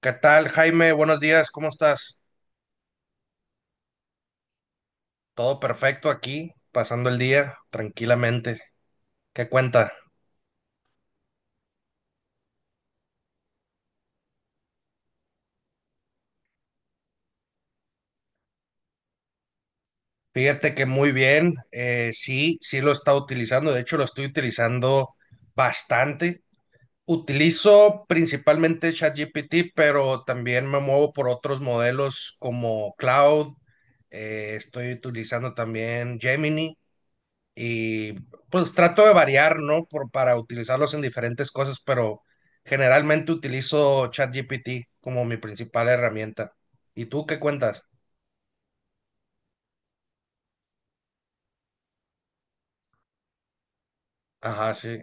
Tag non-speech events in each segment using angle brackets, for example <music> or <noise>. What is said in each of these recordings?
¿Qué tal, Jaime? Buenos días, ¿cómo estás? Todo perfecto aquí, pasando el día tranquilamente. ¿Qué cuenta? Fíjate que muy bien, sí, sí lo está utilizando, de hecho lo estoy utilizando bastante. Utilizo principalmente ChatGPT, pero también me muevo por otros modelos como Cloud, estoy utilizando también Gemini. Y pues trato de variar, ¿no? Para utilizarlos en diferentes cosas, pero generalmente utilizo ChatGPT como mi principal herramienta. ¿Y tú qué cuentas? Ajá, sí,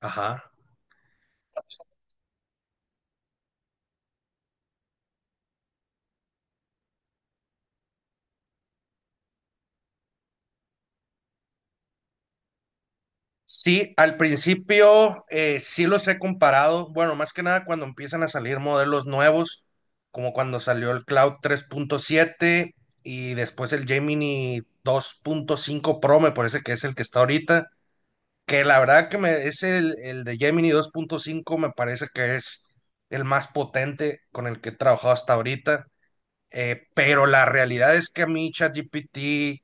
ajá. Sí, al principio sí los he comparado, bueno, más que nada cuando empiezan a salir modelos nuevos, como cuando salió el Cloud tres punto siete y después el Gemini dos punto cinco Pro, me parece que es el que está ahorita. Que la verdad es el de Gemini dos punto cinco me parece que es el más potente con el que he trabajado hasta ahorita, pero la realidad es que a mí ChatGPT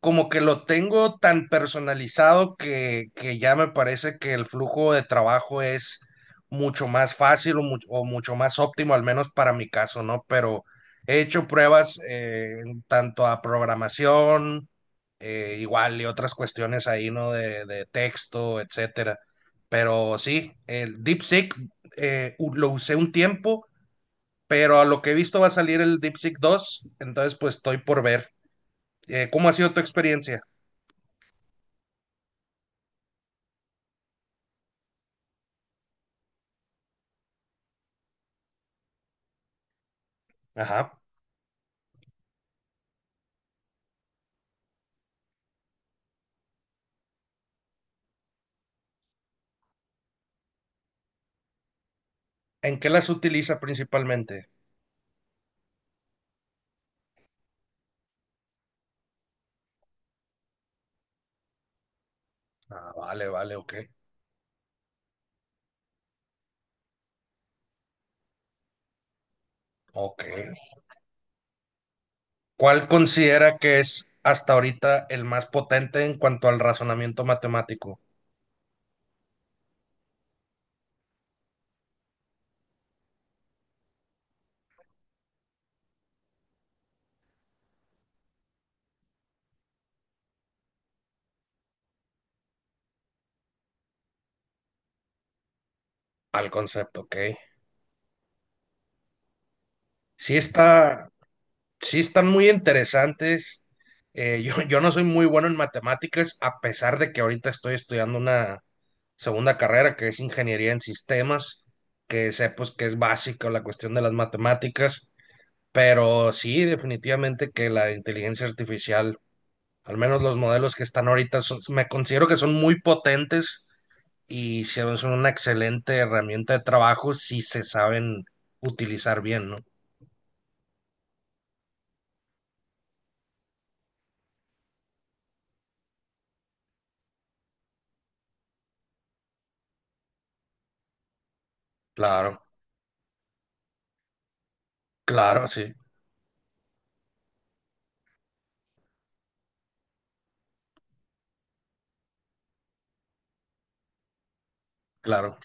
como que lo tengo tan personalizado que ya me parece que el flujo de trabajo es mucho más fácil o, o mucho más óptimo, al menos para mi caso, ¿no? Pero he hecho pruebas en tanto a programación, igual y otras cuestiones ahí, ¿no? De texto, etcétera. Pero sí, el DeepSeek lo usé un tiempo, pero a lo que he visto va a salir el DeepSeek 2, entonces pues estoy por ver. ¿Cómo ha sido tu experiencia? Ajá. ¿En qué las utiliza principalmente? Ah, vale, vale, ok. Ok. ¿Cuál considera que es hasta ahorita el más potente en cuanto al razonamiento matemático? Al concepto, ok. Sí está, sí están muy interesantes. <laughs> Yo no soy muy bueno en matemáticas, a pesar de que ahorita estoy estudiando una segunda carrera que es ingeniería en sistemas, que sé pues que es básica la cuestión de las matemáticas. Pero sí, definitivamente que la inteligencia artificial, al menos los modelos que están ahorita, me considero que son muy potentes y son una excelente herramienta de trabajo si se saben utilizar bien, ¿no? Claro, claro, sí, claro.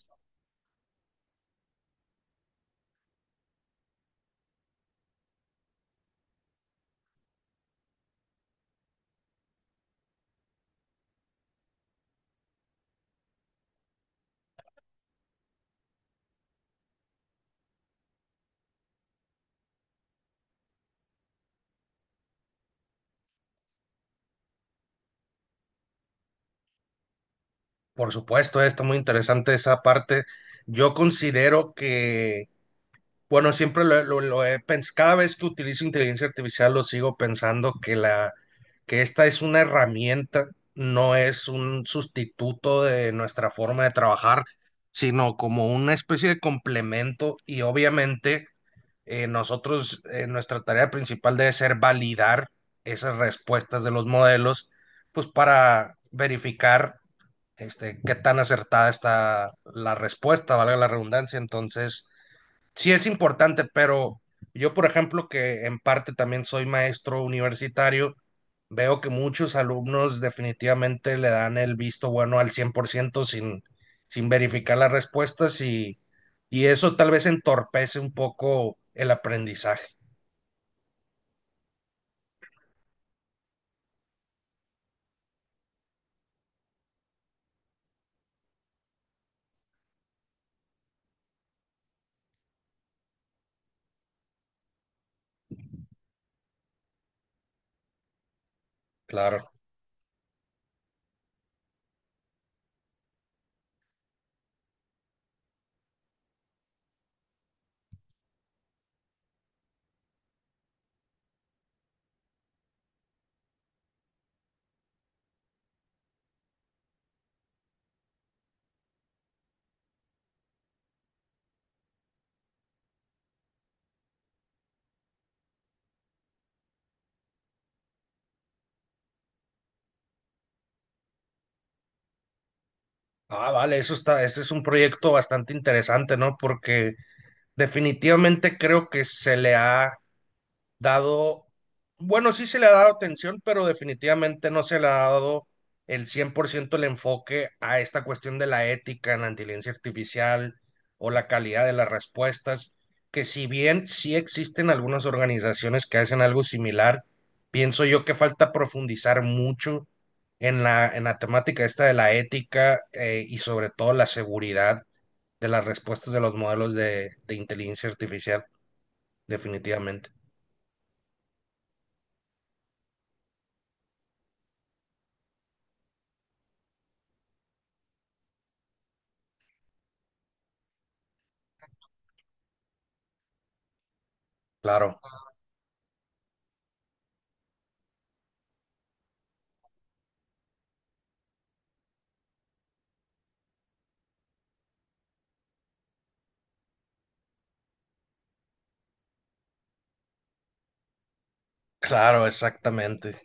Por supuesto, está muy interesante esa parte. Yo considero que bueno, siempre lo he pensado, cada vez que utilizo inteligencia artificial lo sigo pensando que esta es una herramienta, no es un sustituto de nuestra forma de trabajar, sino como una especie de complemento y obviamente nosotros, nuestra tarea principal debe ser validar esas respuestas de los modelos, pues para verificar este, qué tan acertada está la respuesta, valga la redundancia, entonces sí es importante, pero yo, por ejemplo, que en parte también soy maestro universitario, veo que muchos alumnos definitivamente le dan el visto bueno al 100% sin, sin verificar las respuestas y eso tal vez entorpece un poco el aprendizaje. Claro. Ah, vale, eso está, ese es un proyecto bastante interesante, ¿no? Porque definitivamente creo que se le ha dado, bueno, sí se le ha dado atención, pero definitivamente no se le ha dado el 100% el enfoque a esta cuestión de la ética en la inteligencia artificial o la calidad de las respuestas, que si bien sí existen algunas organizaciones que hacen algo similar, pienso yo que falta profundizar mucho en en la temática esta de la ética y sobre todo la seguridad de las respuestas de los modelos de inteligencia artificial, definitivamente. Claro. Claro, exactamente.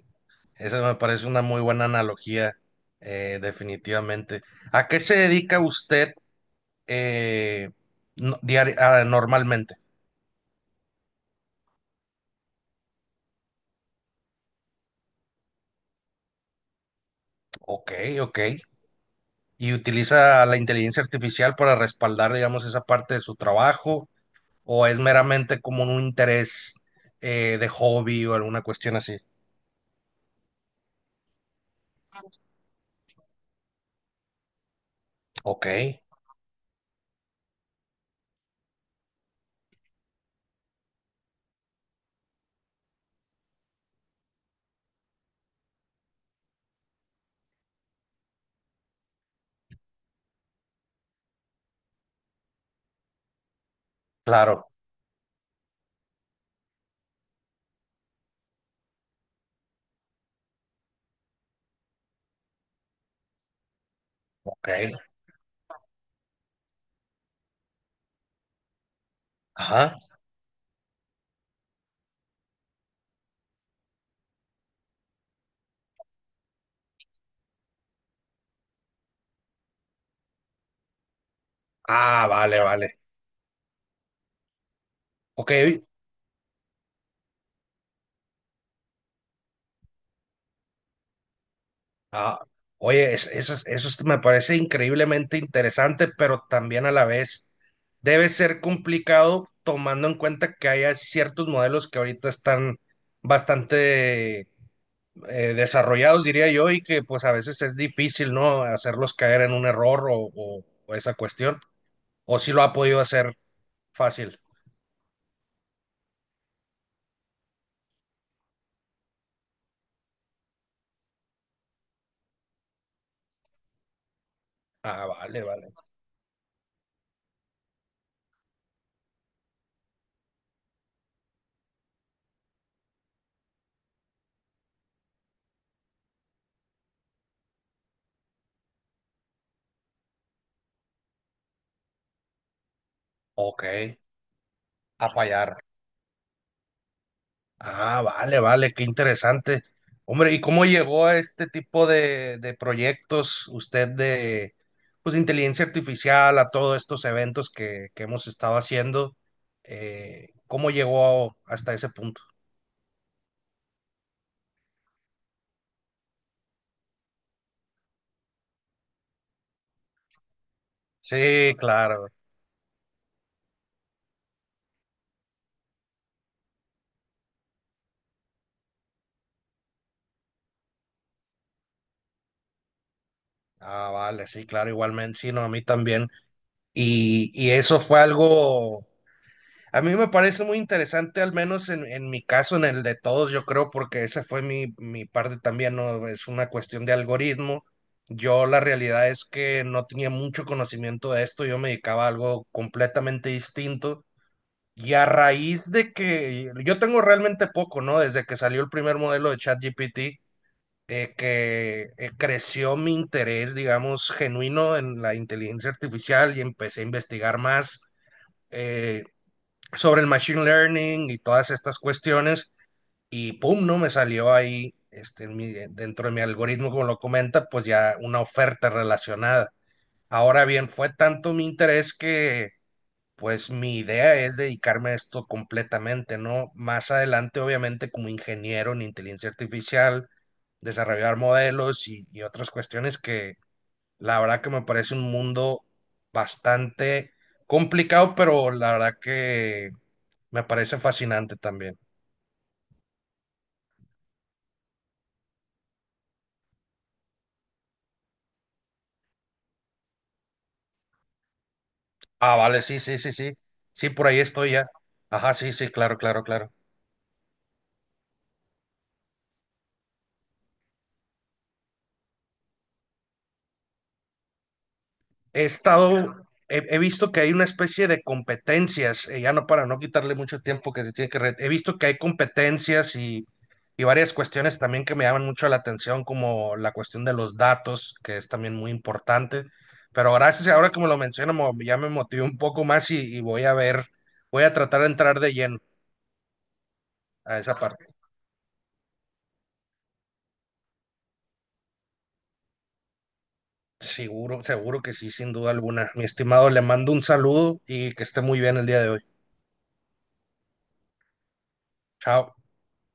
Esa me parece una muy buena analogía, definitivamente. ¿A qué se dedica usted eh, normalmente? Ok, ok. ¿Y utiliza la inteligencia artificial para respaldar, digamos, esa parte de su trabajo? ¿O es meramente como un interés de hobby o alguna cuestión así? Ok, claro, ok. Ajá. Ah, vale, vale. Ok. Ah, oye, eso me parece increíblemente interesante, pero también a la vez debe ser complicado tomando en cuenta que hay ciertos modelos que ahorita están bastante desarrollados, diría yo, y que pues a veces es difícil, ¿no? Hacerlos caer en un error o, o esa cuestión. O si lo ha podido hacer fácil. Ah, vale, vale. Ok, a fallar. Ah, vale, vale, qué interesante. Hombre, ¿y cómo llegó a este tipo de proyectos usted de, pues, de inteligencia artificial, a todos estos eventos que hemos estado haciendo? ¿Cómo llegó hasta ese punto? Sí, claro. Ah, vale, sí, claro, igualmente, sí, no, a mí también. Y eso fue algo. A mí me parece muy interesante, al menos en mi caso, en el de todos, yo creo, porque esa fue mi parte también, ¿no? Es una cuestión de algoritmo. Yo la realidad es que no tenía mucho conocimiento de esto, yo me dedicaba a algo completamente distinto. Y a raíz de que yo tengo realmente poco, ¿no? Desde que salió el primer modelo de ChatGPT, que creció mi interés, digamos, genuino en la inteligencia artificial y empecé a investigar más. Eh, sobre el machine learning y todas estas cuestiones y pum, ¿no? Me salió ahí este, en dentro de mi algoritmo, como lo comenta, pues ya una oferta relacionada. Ahora bien, fue tanto mi interés que pues mi idea es dedicarme a esto completamente, ¿no? Más adelante, obviamente, como ingeniero en inteligencia artificial, desarrollar modelos y otras cuestiones que la verdad que me parece un mundo bastante complicado, pero la verdad que me parece fascinante también. Ah, vale, sí, sí, sí, sí. Sí, por ahí estoy ya. Ajá, sí, sí, claro, claro, claro. He estado, he, he visto que hay una especie de competencias, ya no para no quitarle mucho tiempo que se tiene he visto que hay competencias y varias cuestiones también que me llaman mucho la atención, como la cuestión de los datos, que es también muy importante. Pero gracias, ahora como lo menciono ya me motivé un poco más y voy a ver, voy a tratar de entrar de lleno a esa parte. Seguro, seguro que sí, sin duda alguna. Mi estimado, le mando un saludo y que esté muy bien el día de hoy. Chao.